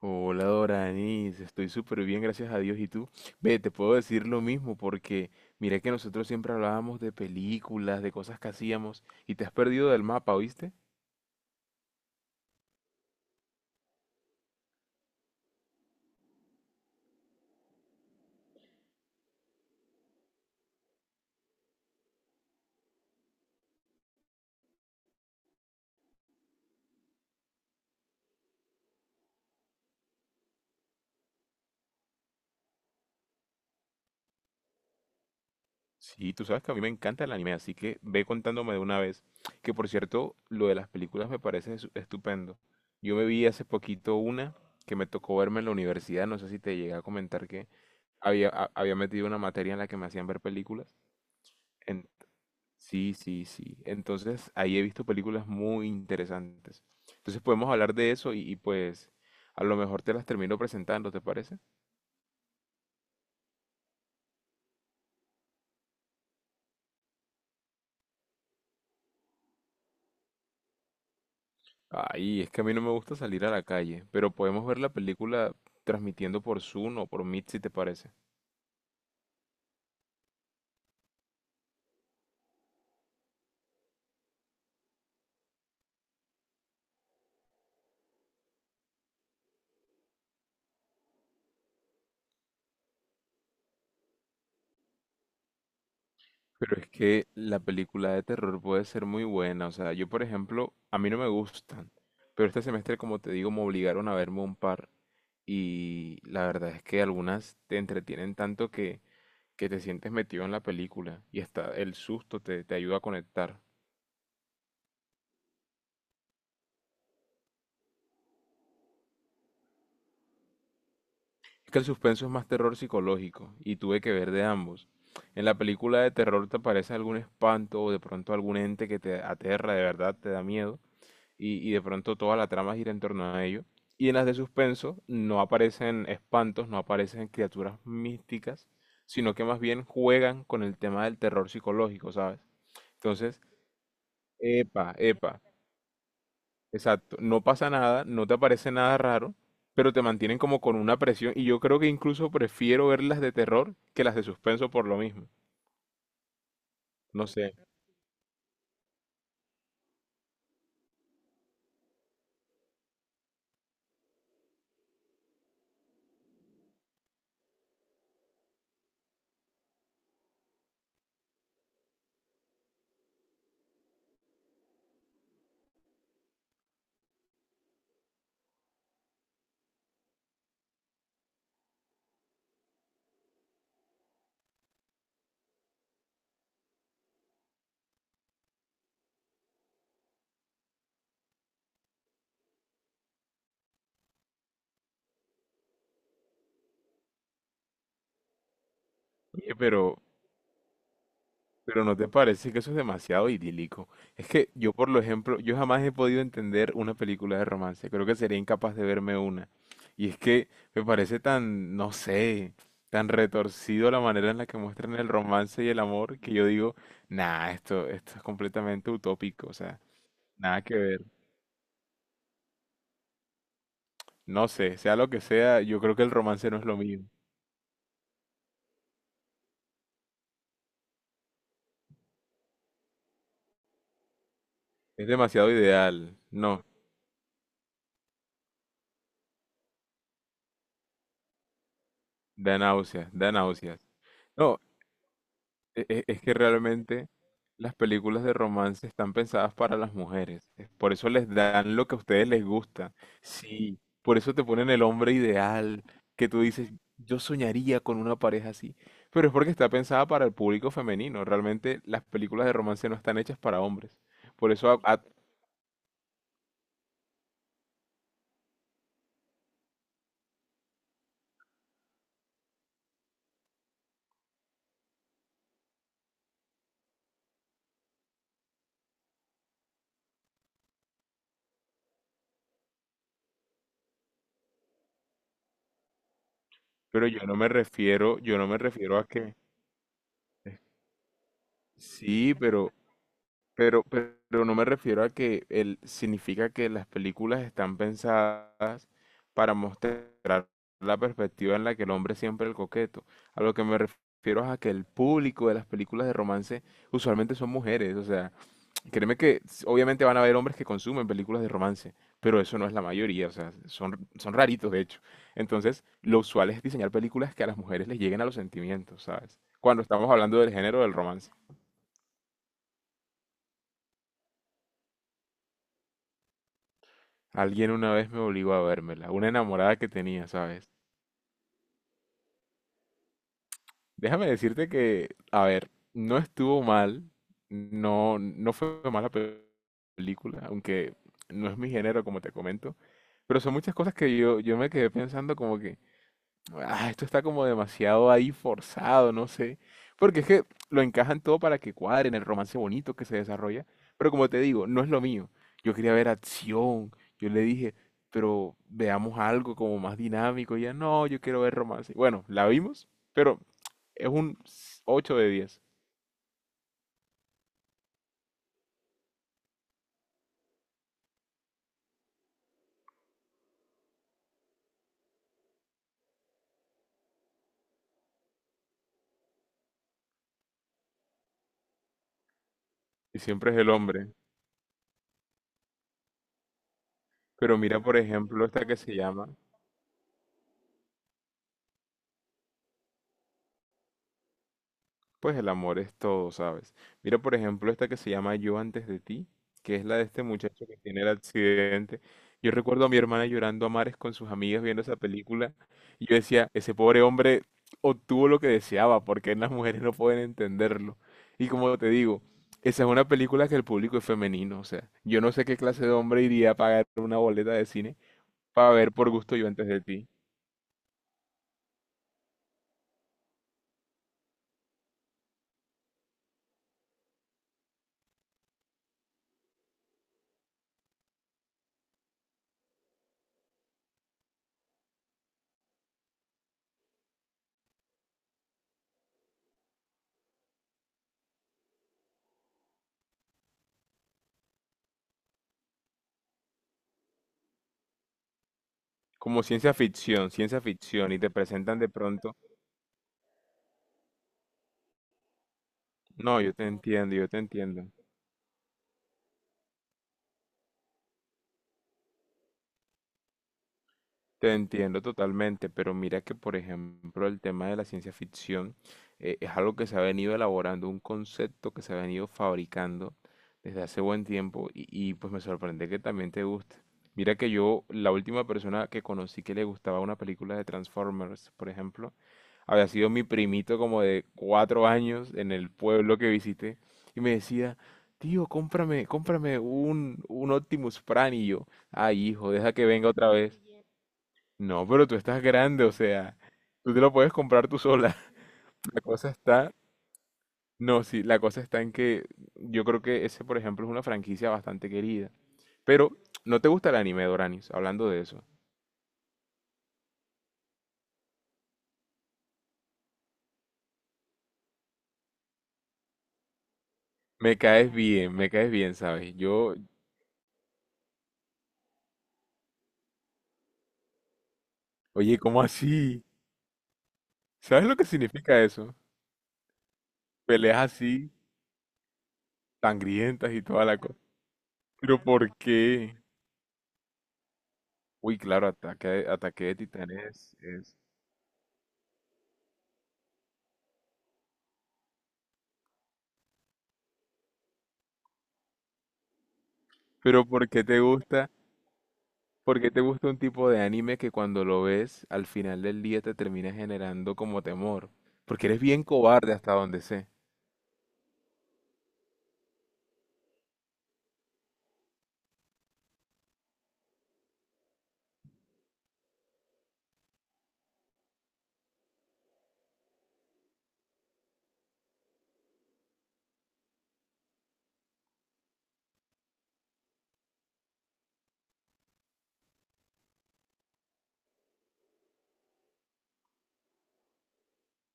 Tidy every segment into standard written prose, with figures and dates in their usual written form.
Hola Doranis, estoy súper bien, gracias a Dios. ¿Y tú? Ve, te puedo decir lo mismo porque mira que nosotros siempre hablábamos de películas, de cosas que hacíamos y te has perdido del mapa, ¿oíste? Sí, tú sabes que a mí me encanta el anime, así que ve contándome de una vez. Que por cierto, lo de las películas me parece estupendo. Yo me vi hace poquito una que me tocó verme en la universidad, no sé si te llegué a comentar que había, había metido una materia en la que me hacían ver películas. Sí, sí, sí. Entonces, ahí he visto películas muy interesantes. Entonces, podemos hablar de eso y, pues a lo mejor te las termino presentando, ¿te parece? Ay, es que a mí no me gusta salir a la calle, pero podemos ver la película transmitiendo por Zoom o por Meet si te parece. Pero es que la película de terror puede ser muy buena. O sea, yo, por ejemplo, a mí no me gustan, pero este semestre, como te digo, me obligaron a verme un par y la verdad es que algunas te entretienen tanto que te sientes metido en la película y hasta el susto te ayuda a conectar. Es que el suspenso es más terror psicológico y tuve que ver de ambos. En la película de terror te aparece algún espanto o de pronto algún ente que te aterra, de verdad te da miedo y de pronto toda la trama gira en torno a ello. Y en las de suspenso no aparecen espantos, no aparecen criaturas místicas, sino que más bien juegan con el tema del terror psicológico, ¿sabes? Entonces, epa, epa, exacto, no pasa nada, no te aparece nada raro, pero te mantienen como con una presión y yo creo que incluso prefiero ver las de terror que las de suspenso por lo mismo. No sé, oye, pero ¿no te parece que eso es demasiado idílico? Es que yo, por lo ejemplo, yo jamás he podido entender una película de romance, creo que sería incapaz de verme una. Y es que me parece tan, no sé, tan retorcido la manera en la que muestran el romance y el amor que yo digo, nah, esto es completamente utópico, o sea, nada que ver. No sé, sea lo que sea, yo creo que el romance no es lo mío. Es demasiado ideal. No, da náuseas, da náuseas. No, es que realmente las películas de romance están pensadas para las mujeres. Es Por eso les dan lo que a ustedes les gusta. Sí, por eso te ponen el hombre ideal, que tú dices, yo soñaría con una pareja así. Pero es porque está pensada para el público femenino. Realmente las películas de romance no están hechas para hombres. Por eso, pero yo no me refiero, yo no me refiero a que... Sí, pero no me refiero a que el, significa que las películas están pensadas para mostrar la perspectiva en la que el hombre es siempre el coqueto. A lo que me refiero es a que el público de las películas de romance usualmente son mujeres. O sea, créeme que obviamente van a haber hombres que consumen películas de romance, pero eso no es la mayoría. O sea, son raritos de hecho. Entonces, lo usual es diseñar películas que a las mujeres les lleguen a los sentimientos, ¿sabes? Cuando estamos hablando del género del romance. Alguien una vez me obligó a vérmela, una enamorada que tenía, ¿sabes? Déjame decirte que, a ver, no estuvo mal, no, no fue mala película, aunque no es mi género, como te comento, pero son muchas cosas que yo me quedé pensando como que, ah, esto está como demasiado ahí forzado, no sé. Porque es que lo encajan todo para que cuadren el romance bonito que se desarrolla. Pero como te digo, no es lo mío. Yo quería ver acción. Yo le dije, pero veamos algo como más dinámico. Y ella, no, yo quiero ver romance. Bueno, la vimos, pero es un 8 de 10. Y siempre es el hombre. Pero mira, por ejemplo, esta que se llama pues el amor es todo, ¿sabes? Mira, por ejemplo, esta que se llama Yo antes de ti, que es la de este muchacho que tiene el accidente. Yo recuerdo a mi hermana llorando a mares con sus amigas viendo esa película y yo decía, ese pobre hombre obtuvo lo que deseaba, porque las mujeres no pueden entenderlo. Y como te digo, esa es una película que el público es femenino, o sea, yo no sé qué clase de hombre iría a pagar una boleta de cine para ver por gusto Yo antes de ti. Como ciencia ficción, y te presentan de pronto no, yo te entiendo, yo te entiendo. Te entiendo totalmente, pero mira que, por ejemplo, el tema de la ciencia ficción es algo que se ha venido elaborando, un concepto que se ha venido fabricando desde hace buen tiempo y, pues me sorprende que también te guste. Mira que yo, la última persona que conocí que le gustaba una película de Transformers, por ejemplo, había sido mi primito como de 4 años en el pueblo que visité y me decía, tío, cómprame, cómprame un Optimus Prime y yo, ay hijo, deja que venga otra vez. No, pero tú estás grande, o sea, tú te lo puedes comprar tú sola. La cosa está, no, sí, la cosa está en que yo creo que ese, por ejemplo, es una franquicia bastante querida. Pero, ¿no te gusta el anime, Doranis? Hablando de eso. Me caes bien, ¿sabes? Yo, oye, ¿cómo así? ¿Sabes lo que significa eso? Peleas así, sangrientas y toda la cosa. Pero ¿por qué? Uy, claro, ataque, ataque de titanes es... Pero ¿por qué te gusta? Porque te gusta un tipo de anime que cuando lo ves al final del día te termina generando como temor. Porque eres bien cobarde hasta donde sé.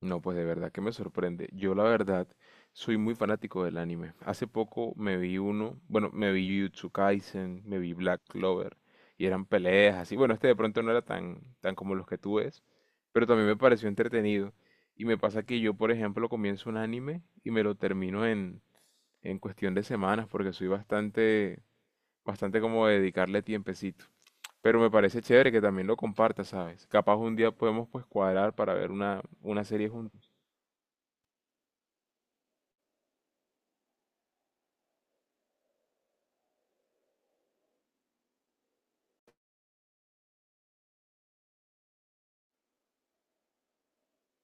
No, pues de verdad que me sorprende. Yo la verdad soy muy fanático del anime. Hace poco me vi uno, bueno, me vi Jujutsu Kaisen, me vi Black Clover y eran peleas así. Bueno, este de pronto no era tan como los que tú ves, pero también me pareció entretenido. Y me pasa que yo, por ejemplo, comienzo un anime y me lo termino en cuestión de semanas porque soy bastante como dedicarle tiempecito. Pero me parece chévere que también lo compartas, ¿sabes? Capaz un día podemos pues cuadrar para ver una serie juntos.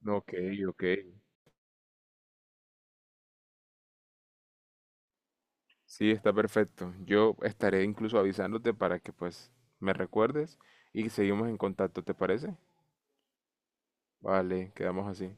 No, ok, ok. Sí, está perfecto. Yo estaré incluso avisándote para que pues me recuerdes y seguimos en contacto, ¿te parece? Vale, quedamos así.